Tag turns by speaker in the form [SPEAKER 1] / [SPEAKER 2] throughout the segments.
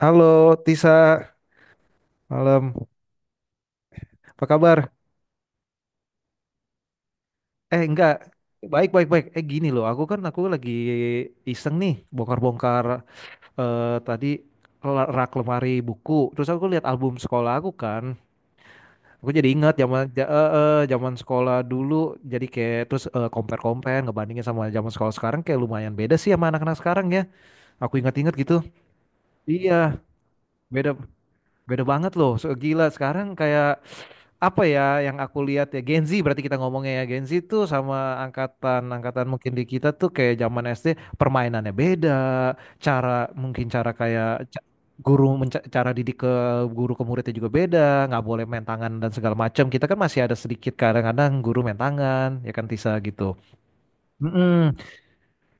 [SPEAKER 1] Halo Tisa, malam. Apa kabar? Eh, enggak, baik, baik, baik. Eh, gini loh, aku lagi iseng nih, bongkar-bongkar, tadi rak lemari buku. Terus aku lihat album sekolah aku kan. Aku jadi ingat zaman ja- eh, eh, zaman sekolah dulu. Jadi kayak terus, compare-compare ngebandingin sama zaman sekolah sekarang, kayak lumayan beda sih sama anak-anak sekarang ya. Aku ingat-ingat gitu. Iya, beda, beda banget loh. So, gila sekarang. Kayak apa ya yang aku lihat ya, Gen Z, berarti kita ngomongnya ya Gen Z tuh, sama angkatan, angkatan mungkin di kita tuh kayak zaman SD, permainannya beda, cara, mungkin cara kayak guru cara didik ke guru ke muridnya juga beda, nggak boleh main tangan dan segala macam. Kita kan masih ada sedikit, kadang-kadang guru main tangan ya kan Tisa, gitu. Mm-mm.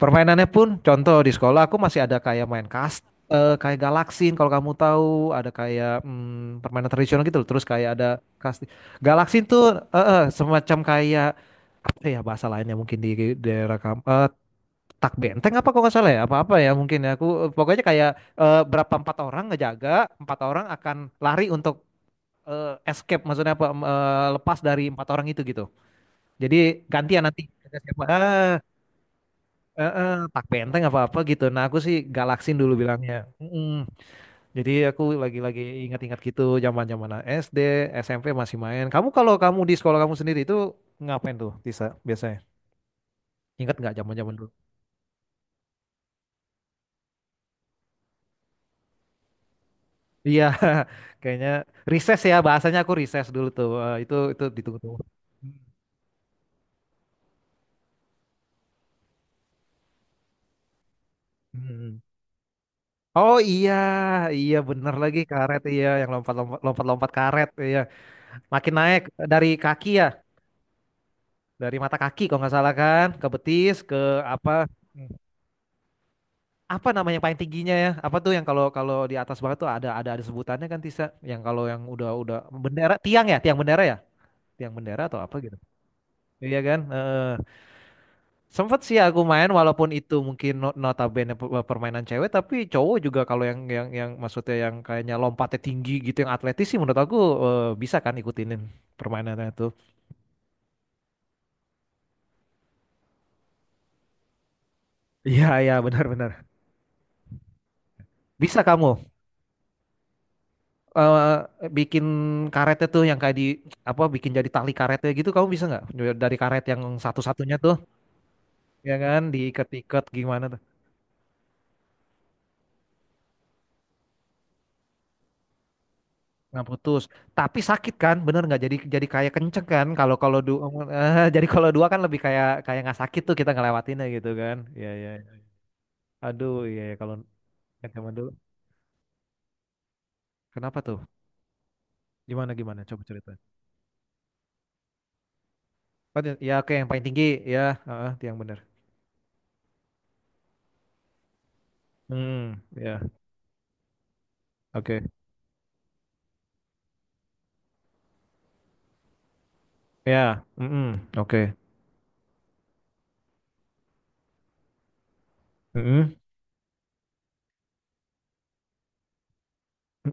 [SPEAKER 1] Permainannya pun, contoh di sekolah aku masih ada kayak main kayak galaksin kalau kamu tahu, ada kayak, permainan tradisional gitu loh. Terus kayak ada kasti. Galaksin tuh semacam kayak apa ya, bahasa lainnya mungkin di daerah kamu, eh, tak benteng apa, kok nggak salah ya, apa-apa ya mungkin, ya aku, eh, pokoknya kayak, eh, berapa, empat orang ngejaga, empat orang akan lari untuk, eh, escape, maksudnya apa, lepas dari empat orang itu gitu, jadi gantian nanti. Ah, tak benteng apa-apa gitu. Nah aku sih galaksin dulu bilangnya. Mm-mm. Jadi aku lagi-lagi ingat-ingat gitu zaman-zaman SD, SMP masih main. Kalau kamu di sekolah kamu sendiri itu, ngapain tuh Tisa biasanya? Ingat nggak zaman-zaman dulu? Iya, kayaknya recess ya bahasanya, aku recess dulu tuh. Itu ditunggu-tunggu. Mm. Oh iya, iya bener lagi karet iya, yang lompat-lompat, karet iya. Makin naik dari kaki ya. Dari mata kaki kalau nggak salah kan, ke betis, ke apa? Apa namanya yang paling tingginya ya? Apa tuh yang kalau kalau di atas banget tuh ada sebutannya kan Tisa? Yang kalau yang udah bendera tiang ya? Tiang bendera atau apa gitu. Iya kan? Heeh. Sempet sih aku main, walaupun itu mungkin notabene permainan cewek tapi cowok juga, kalau yang maksudnya yang kayaknya lompatnya tinggi gitu, yang atletis sih menurut aku, eh, bisa kan ikutinin permainannya itu. Iya, iya, benar-benar. Bisa kamu, eh, bikin karetnya tuh yang kayak di apa, bikin jadi tali karetnya gitu, kamu bisa nggak, dari karet yang satu-satunya tuh, ya kan, diikat-ikat gimana tuh, nggak putus tapi sakit kan, bener nggak, jadi, kayak kenceng kan, kalau kalau dua. Jadi kalau dua kan lebih kayak kayak nggak sakit tuh kita ngelewatinnya gitu kan, ya ya, aduh iya iya. Kalau yang zaman dulu, kenapa tuh, gimana gimana coba cerita. Oh, ya oke, yang paling tinggi ya. Heeh, itu yang bener. Hmm, ya oke ya, mm-mm, oke. Mm-mm.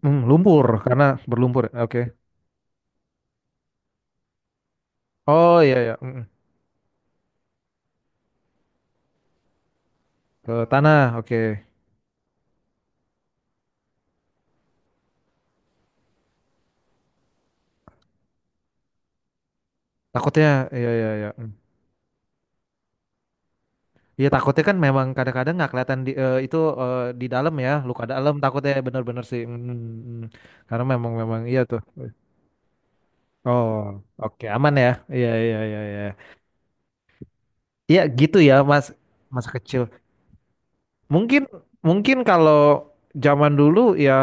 [SPEAKER 1] Lumpur karena berlumpur. Oke. Oh iya ya. Ke tanah. Oke. Takutnya iya iya iya. Mm. Iya, takutnya kan memang kadang-kadang nggak kelihatan di, eh, itu, eh, di dalam ya, luka dalam, takutnya bener-bener sih. Mm, mm, mm. Karena memang memang iya tuh. Oh, oke aman ya. Iya iya iya iya. Iya gitu ya, Mas. Masa kecil. Mungkin mungkin kalau zaman dulu ya,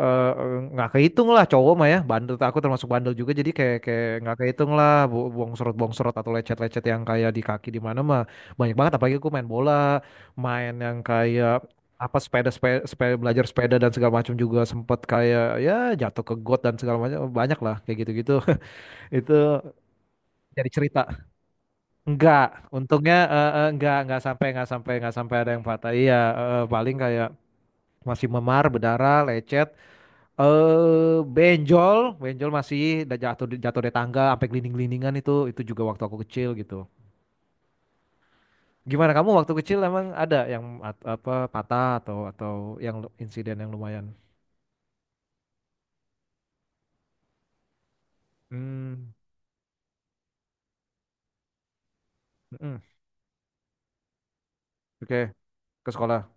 [SPEAKER 1] eh, nggak kehitung lah cowok mah ya bandel, aku termasuk bandel juga, jadi kayak kayak nggak kehitung lah, bongsorot-bongsorot atau lecet-lecet yang kayak di kaki di mana mah banyak banget, apalagi aku main bola, main yang kayak apa, sepeda, sepeda, sepeda belajar sepeda dan segala macam, juga sempet kayak ya jatuh ke got dan segala macam, banyak lah kayak gitu-gitu. Itu jadi cerita. Enggak, untungnya, enggak sampai ada yang patah, iya, paling kayak masih memar, berdarah, lecet, eh, benjol masih, udah jatuh, jatuh dari tangga sampai glinding-glindingan, itu juga waktu aku kecil gitu. Gimana kamu waktu kecil, emang ada yang apa patah atau yang insiden yang lumayan? Hmm, mm-mm. Oke, ke sekolah.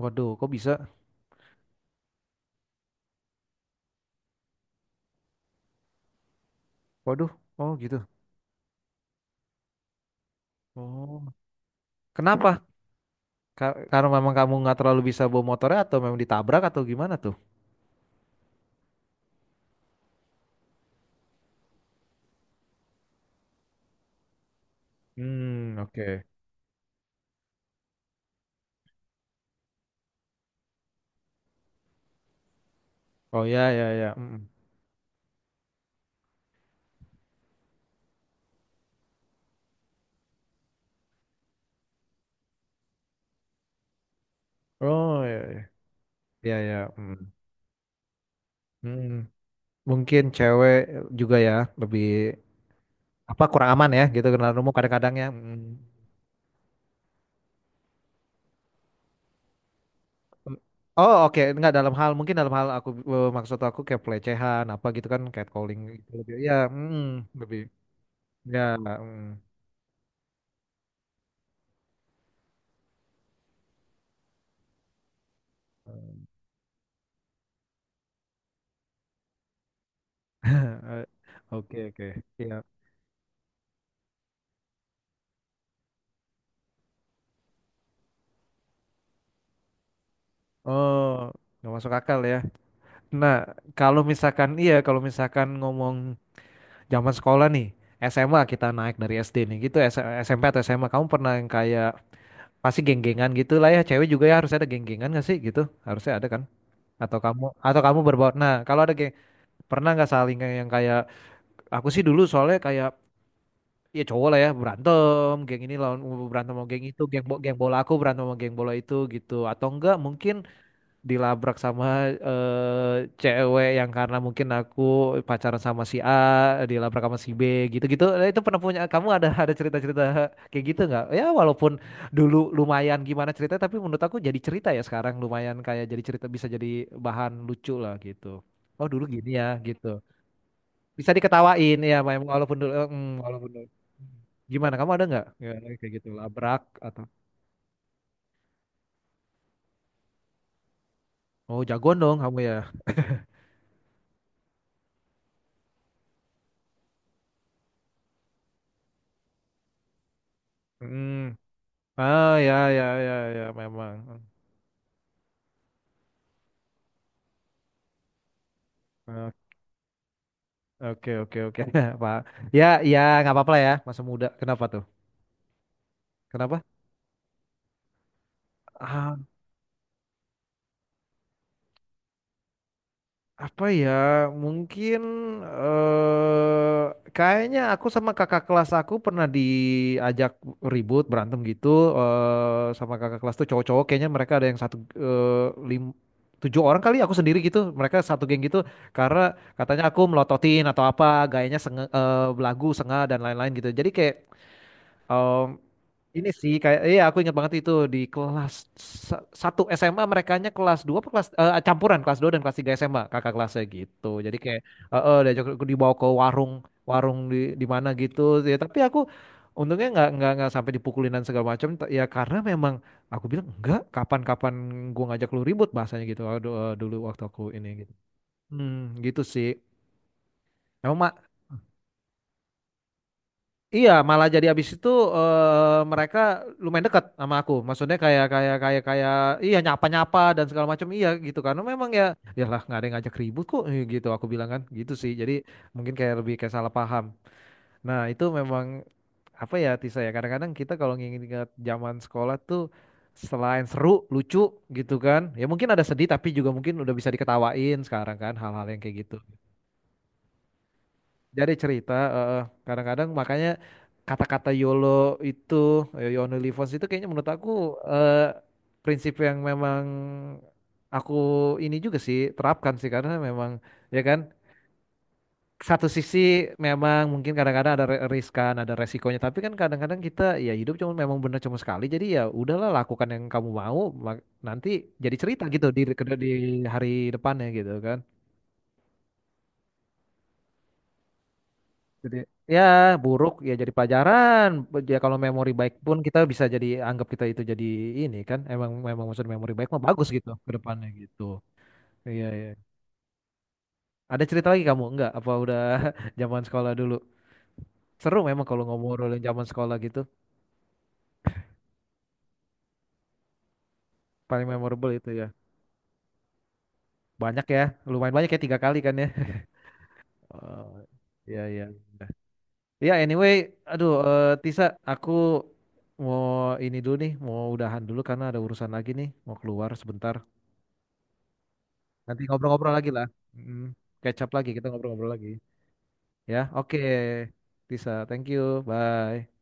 [SPEAKER 1] Waduh, kok bisa? Waduh, oh gitu. Oh, kenapa? Karena memang kamu nggak terlalu bisa bawa motornya, atau memang ditabrak atau gimana tuh? Hmm, oke. Oh ya ya ya. Mm. Oh ya ya ya ya. Hmm, mungkin cewek juga ya lebih apa, kurang aman ya gitu karena umum kadang-kadang ya. Hmm. Oh oke, nggak dalam hal, mungkin dalam hal aku, eh, maksud aku kayak pelecehan apa gitu kan, catcalling gitu lebih ya, lebih ya, mm. Oke oke, iya, oh, nggak masuk akal ya. Nah kalau misalkan iya kalau misalkan ngomong zaman sekolah nih, SMA kita naik dari SD nih gitu, SMP atau SMA, kamu pernah yang kayak, pasti geng-gengan gitu lah ya. Cewek juga ya harus ada geng-gengan gak sih gitu? Harusnya ada kan? Atau kamu berbaur. Nah, kalau ada geng, pernah nggak saling yang kayak, aku sih dulu soalnya kayak ya cowok lah ya berantem, geng ini lawan, berantem sama geng itu, geng bola, aku berantem sama geng bola itu gitu. Atau enggak mungkin dilabrak sama, eh, cewek yang karena mungkin aku pacaran sama si A, dilabrak sama si B, gitu-gitu. Nah, itu pernah punya kamu, ada cerita-cerita kayak gitu nggak? Ya walaupun dulu lumayan gimana cerita, tapi menurut aku jadi cerita ya, sekarang lumayan kayak jadi cerita, bisa jadi bahan lucu lah gitu. Oh dulu gini ya gitu. Bisa diketawain ya memang, walaupun dulu, walaupun dulu. Gimana kamu, ada nggak? Ya, kayak gitu, labrak atau. Oh, jagoan dong kamu ya. Hmm. Ah ya ya ya ya memang. Ah, oke oke oke Pak. Ya ya nggak apa-apa lah ya masa muda. Kenapa tuh? Kenapa? Ah, apa ya, mungkin, eh, kayaknya aku sama kakak kelas, aku pernah diajak ribut berantem gitu, eh, sama kakak kelas tuh cowok-cowok, kayaknya mereka ada yang satu, eh, lim tujuh orang kali aku sendiri gitu, mereka satu geng gitu, karena katanya aku melototin atau apa, gayanya belagu sengah dan lain-lain gitu, jadi kayak, Em, ini sih kayak, iya, aku ingat banget itu, di kelas satu SMA, merekanya kelas 2 apa kelas, eh, campuran kelas 2 dan kelas 3 SMA, kakak kelasnya gitu. Jadi kayak, diajak, aku dibawa ke warung, di mana gitu ya, tapi aku untungnya nggak sampai dipukulin dan segala macam. Ya karena memang aku bilang enggak, kapan-kapan gua ngajak lu ribut, bahasanya gitu. Aduh, eh, dulu waktu aku ini gitu. Hmm, gitu sih. Emang ma- Iya, malah jadi abis itu, eh, mereka lumayan dekat sama aku. Maksudnya, kayak kayak kayak kayak, iya, nyapa-nyapa dan segala macam, iya gitu, karena memang ya iyalah, nggak ada yang ngajak ribut kok, eh, gitu aku bilang kan, gitu sih. Jadi mungkin kayak lebih kayak salah paham. Nah, itu memang apa ya Tisa ya, kadang-kadang kita kalau nginget-inget zaman sekolah tuh, selain seru, lucu gitu kan. Ya mungkin ada sedih, tapi juga mungkin udah bisa diketawain sekarang kan, hal-hal yang kayak gitu. Jadi cerita, kadang-kadang makanya kata-kata YOLO itu, eh, you only live once itu, kayaknya menurut aku, eh, prinsip yang memang aku ini juga sih terapkan sih, karena memang ya kan, satu sisi memang mungkin kadang-kadang ada riskan, ada resikonya, tapi kan kadang-kadang kita ya hidup cuma memang benar cuma sekali, jadi ya udahlah lakukan yang kamu mau, mak- nanti jadi cerita gitu di di hari depannya gitu kan. Jadi, ya, buruk ya jadi pelajaran. Ya kalau memori baik pun kita bisa jadi anggap kita itu jadi ini kan. Emang memang maksud memori baik mah bagus gitu ke depannya gitu. Iya iya. Ada cerita lagi kamu? Enggak? Apa udah zaman sekolah dulu? Seru memang kalau ngobrolin zaman sekolah gitu. Paling memorable itu ya. Banyak ya. Lumayan banyak ya tiga kali kan ya. Oh, iya iya. Ya anyway, aduh, eh, Tisa, aku mau ini dulu nih, mau udahan dulu karena ada urusan lagi nih, mau keluar sebentar. Nanti ngobrol-ngobrol lagi lah. Mm, catch up lagi, kita ngobrol-ngobrol lagi. Ya, oke. Tisa, thank you. Bye.